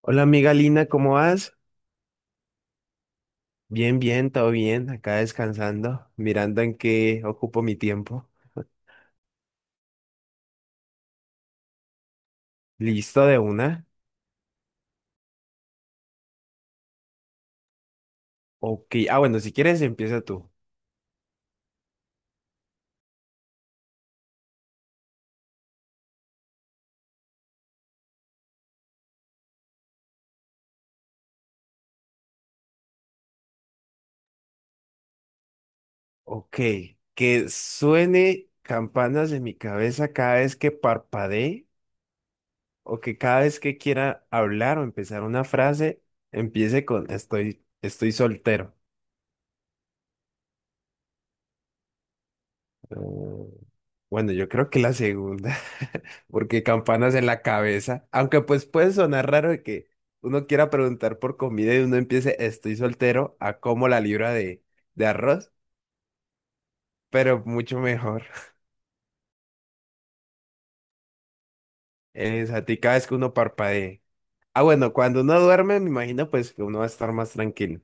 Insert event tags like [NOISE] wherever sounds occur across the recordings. Hola amiga Lina, ¿cómo vas? Bien, todo bien, acá descansando, mirando en qué ocupo mi tiempo. ¿Listo de una? Ok, bueno, si quieres empieza tú. Ok, que suene campanas en mi cabeza cada vez que parpadee o que cada vez que quiera hablar o empezar una frase, empiece con estoy soltero. No. Bueno, yo creo que la segunda, [LAUGHS] porque campanas en la cabeza, aunque pues puede sonar raro de que uno quiera preguntar por comida y uno empiece estoy soltero a como la libra de arroz, pero mucho mejor. [LAUGHS] Es a ti cada vez que uno parpadee. Ah, bueno, cuando uno duerme, me imagino pues que uno va a estar más tranquilo,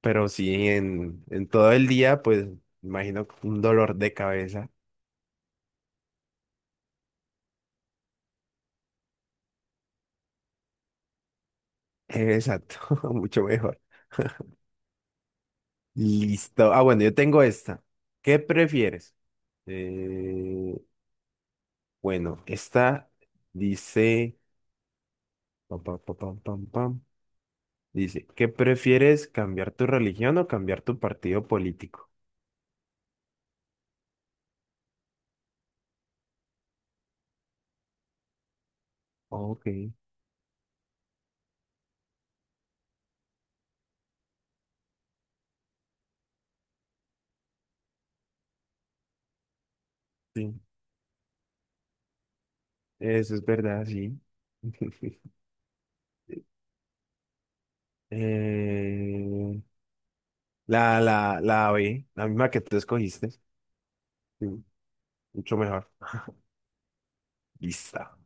pero sí en todo el día, pues me imagino un dolor de cabeza. Exacto, [LAUGHS] mucho mejor. Listo. Ah, bueno, yo tengo esta. ¿Qué prefieres? Eh, bueno, esta dice, pam, pam, pam, pam, pam, pam. Dice, ¿qué prefieres, cambiar tu religión o cambiar tu partido político? Ok, sí, eso es verdad, sí. [LAUGHS] Eh, la B, la misma que tú escogiste, sí, mucho mejor. Lista.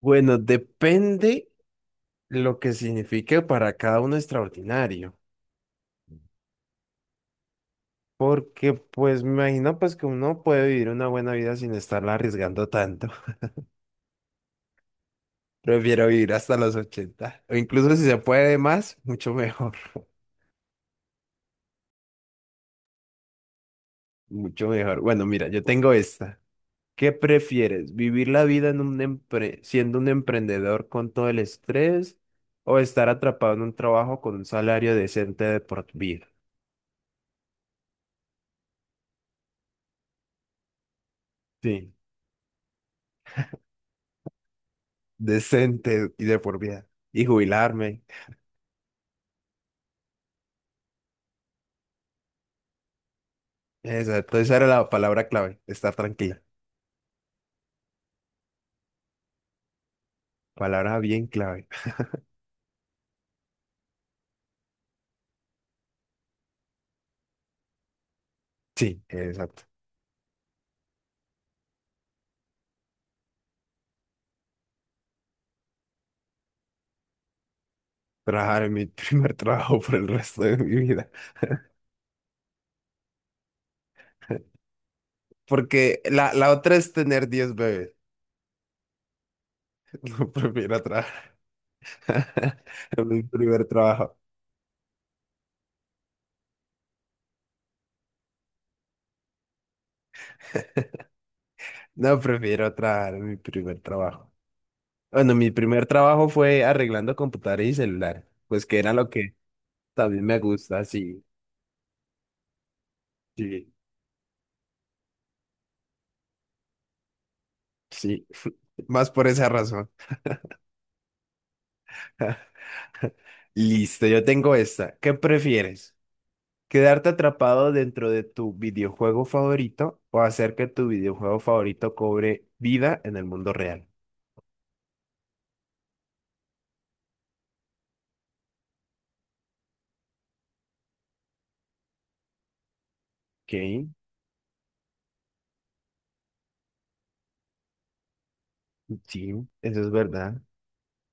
Bueno, depende lo que signifique para cada uno extraordinario, porque pues me imagino pues que uno puede vivir una buena vida sin estarla arriesgando tanto. [LAUGHS] Prefiero vivir hasta los 80 o incluso si se puede más, mucho mejor, [LAUGHS] mucho mejor. Bueno, mira, yo tengo esta. ¿Qué prefieres? ¿Vivir la vida en un siendo un emprendedor con todo el estrés o estar atrapado en un trabajo con un salario decente de por vida? Sí, decente y de por vida. Y jubilarme. Exacto, esa era la palabra clave, estar tranquila. Palabra bien clave. Sí, exacto. Trabajar en mi [LAUGHS] primer trabajo por el resto de mi vida. Porque la otra es tener 10 bebés. [LAUGHS] No prefiero trabajar [LAUGHS] en mi primer trabajo. No, prefiero trabajar en mi primer trabajo. Bueno, mi primer trabajo fue arreglando computadores y celulares, pues que era lo que también me gusta, sí, sí, sí, [LAUGHS] más por esa razón. [LAUGHS] Listo, yo tengo esta. ¿Qué prefieres? ¿Quedarte atrapado dentro de tu videojuego favorito o hacer que tu videojuego favorito cobre vida en el mundo real? Ok, sí, eso es verdad.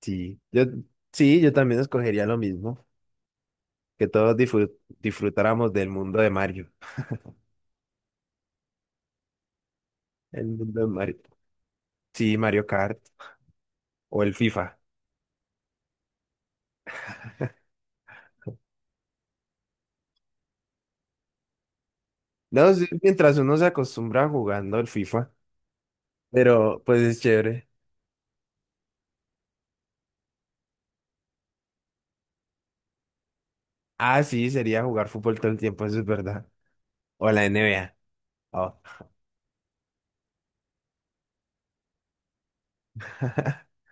Sí, sí, yo también escogería lo mismo. Que todos disfrutáramos del mundo de Mario. El mundo de Mario. Sí, Mario Kart o el FIFA. No, sí, mientras uno se acostumbra jugando el FIFA, pero pues es chévere. Ah, sí, sería jugar fútbol todo el tiempo, eso es verdad. O la NBA. Oh. [LAUGHS]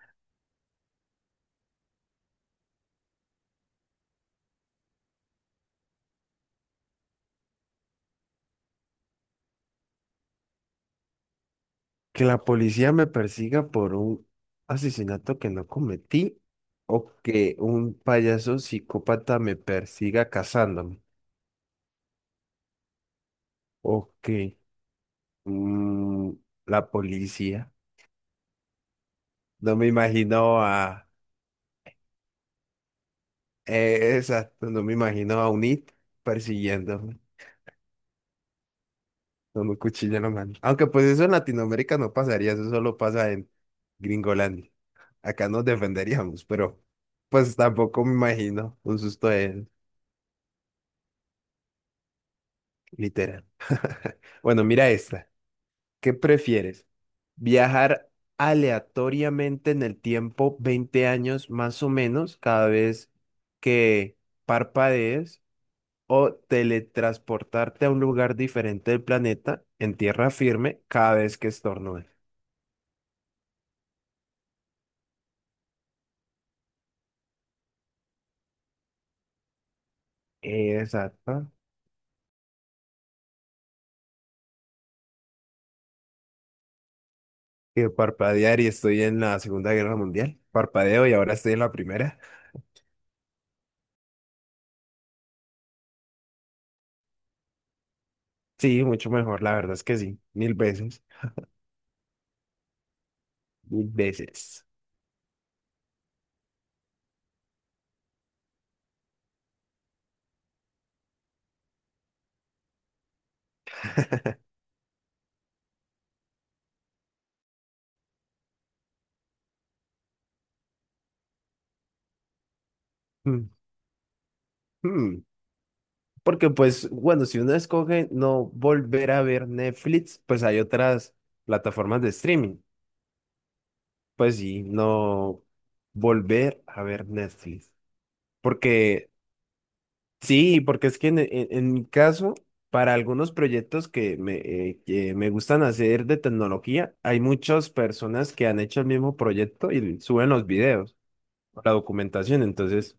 Que la policía me persiga por un asesinato que no cometí o que un payaso psicópata me persiga cazándome. O que mm, la policía. No me imagino a... exacto, no me imagino a Unit persiguiéndome con un cuchillo en la mano. Aunque pues eso en Latinoamérica no pasaría, eso solo pasa en Gringolandia. Acá nos defenderíamos, pero pues tampoco me imagino un susto de él, literal. [LAUGHS] Bueno, mira esta. ¿Qué prefieres? ¿Viajar aleatoriamente en el tiempo 20 años más o menos cada vez que parpadees? ¿O teletransportarte a un lugar diferente del planeta en tierra firme cada vez que estornudes? Exacto. Y parpadear y estoy en la Segunda Guerra Mundial. Parpadeo y ahora estoy en la primera. Sí, mucho mejor, la verdad es que sí. Mil veces. Mil veces. [LAUGHS] Mm, mm. Porque pues, bueno, si uno escoge no volver a ver Netflix, pues hay otras plataformas de streaming. Pues sí, no volver a ver Netflix. Porque sí, porque es que en mi caso, para algunos proyectos que que me gustan hacer de tecnología, hay muchas personas que han hecho el mismo proyecto y suben los videos, la documentación, entonces,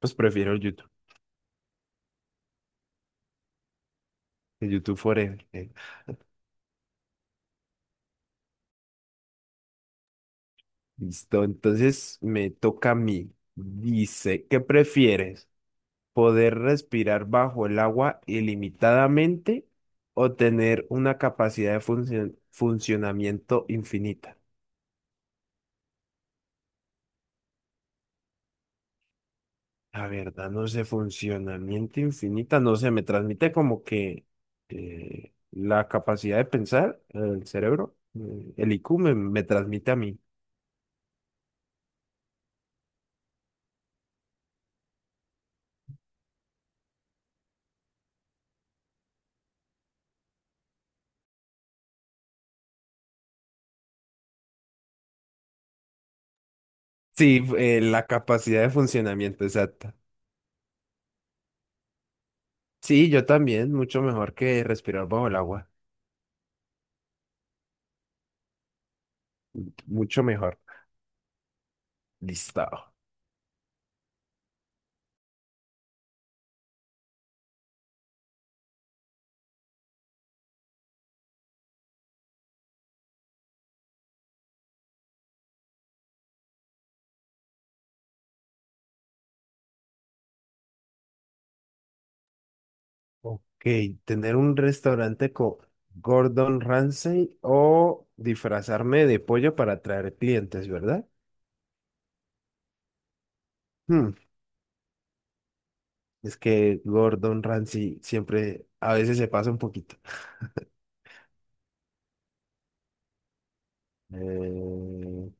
pues prefiero el YouTube Forever. Listo, entonces me toca a mí. Dice, ¿qué prefieres? ¿Poder respirar bajo el agua ilimitadamente o tener una capacidad de funcionamiento infinita? La verdad, no sé, funcionamiento infinita, no sé, me transmite como que la capacidad de pensar, el cerebro, el IQ me transmite a mí. Sí, la capacidad de funcionamiento exacta. Sí, yo también, mucho mejor que respirar bajo el agua, mucho mejor. Listo. Ok, tener un restaurante con Gordon Ramsay o disfrazarme de pollo para atraer clientes, ¿verdad? Hmm, es que Gordon Ramsay siempre, a veces se pasa un poquito. Eh,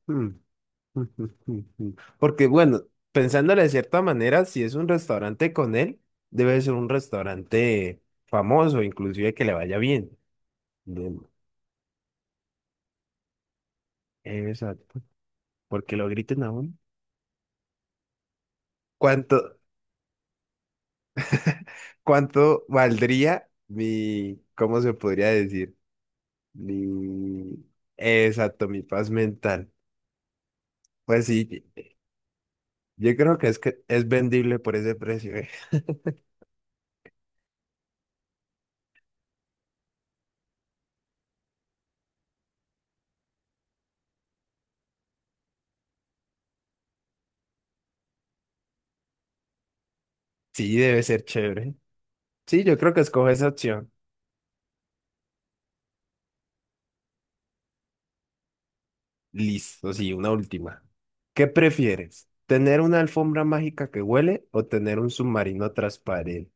hmm, [LAUGHS] hmm, hmm, hmm, hmm. Porque bueno, pensándolo de cierta manera, si es un restaurante con él, debe ser un restaurante famoso, inclusive que le vaya bien. De- Exacto. Porque lo griten aún. ¿Cuánto, ¿cuánto valdría mi, cómo se podría decir? Mi, exacto, mi paz mental. Pues sí, yo creo que es vendible por ese precio, eh. Sí, debe ser chévere. Sí, yo creo que escoge esa opción. Listo, sí, una última. ¿Qué prefieres? ¿Tener una alfombra mágica que huele o tener un submarino transparente?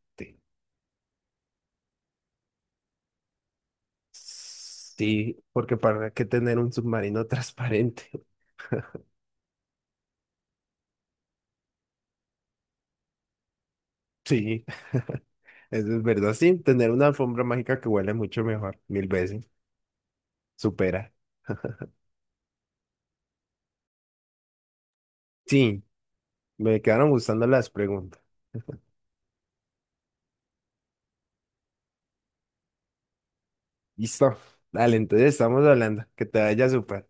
Sí, porque ¿para qué tener un submarino transparente? [LAUGHS] Sí, [LAUGHS] eso es verdad. Sí, tener una alfombra mágica que huele mucho mejor, mil veces. Supera. [LAUGHS] Sí, me quedaron gustando las preguntas. Listo. Dale, entonces estamos hablando. Que te vaya súper.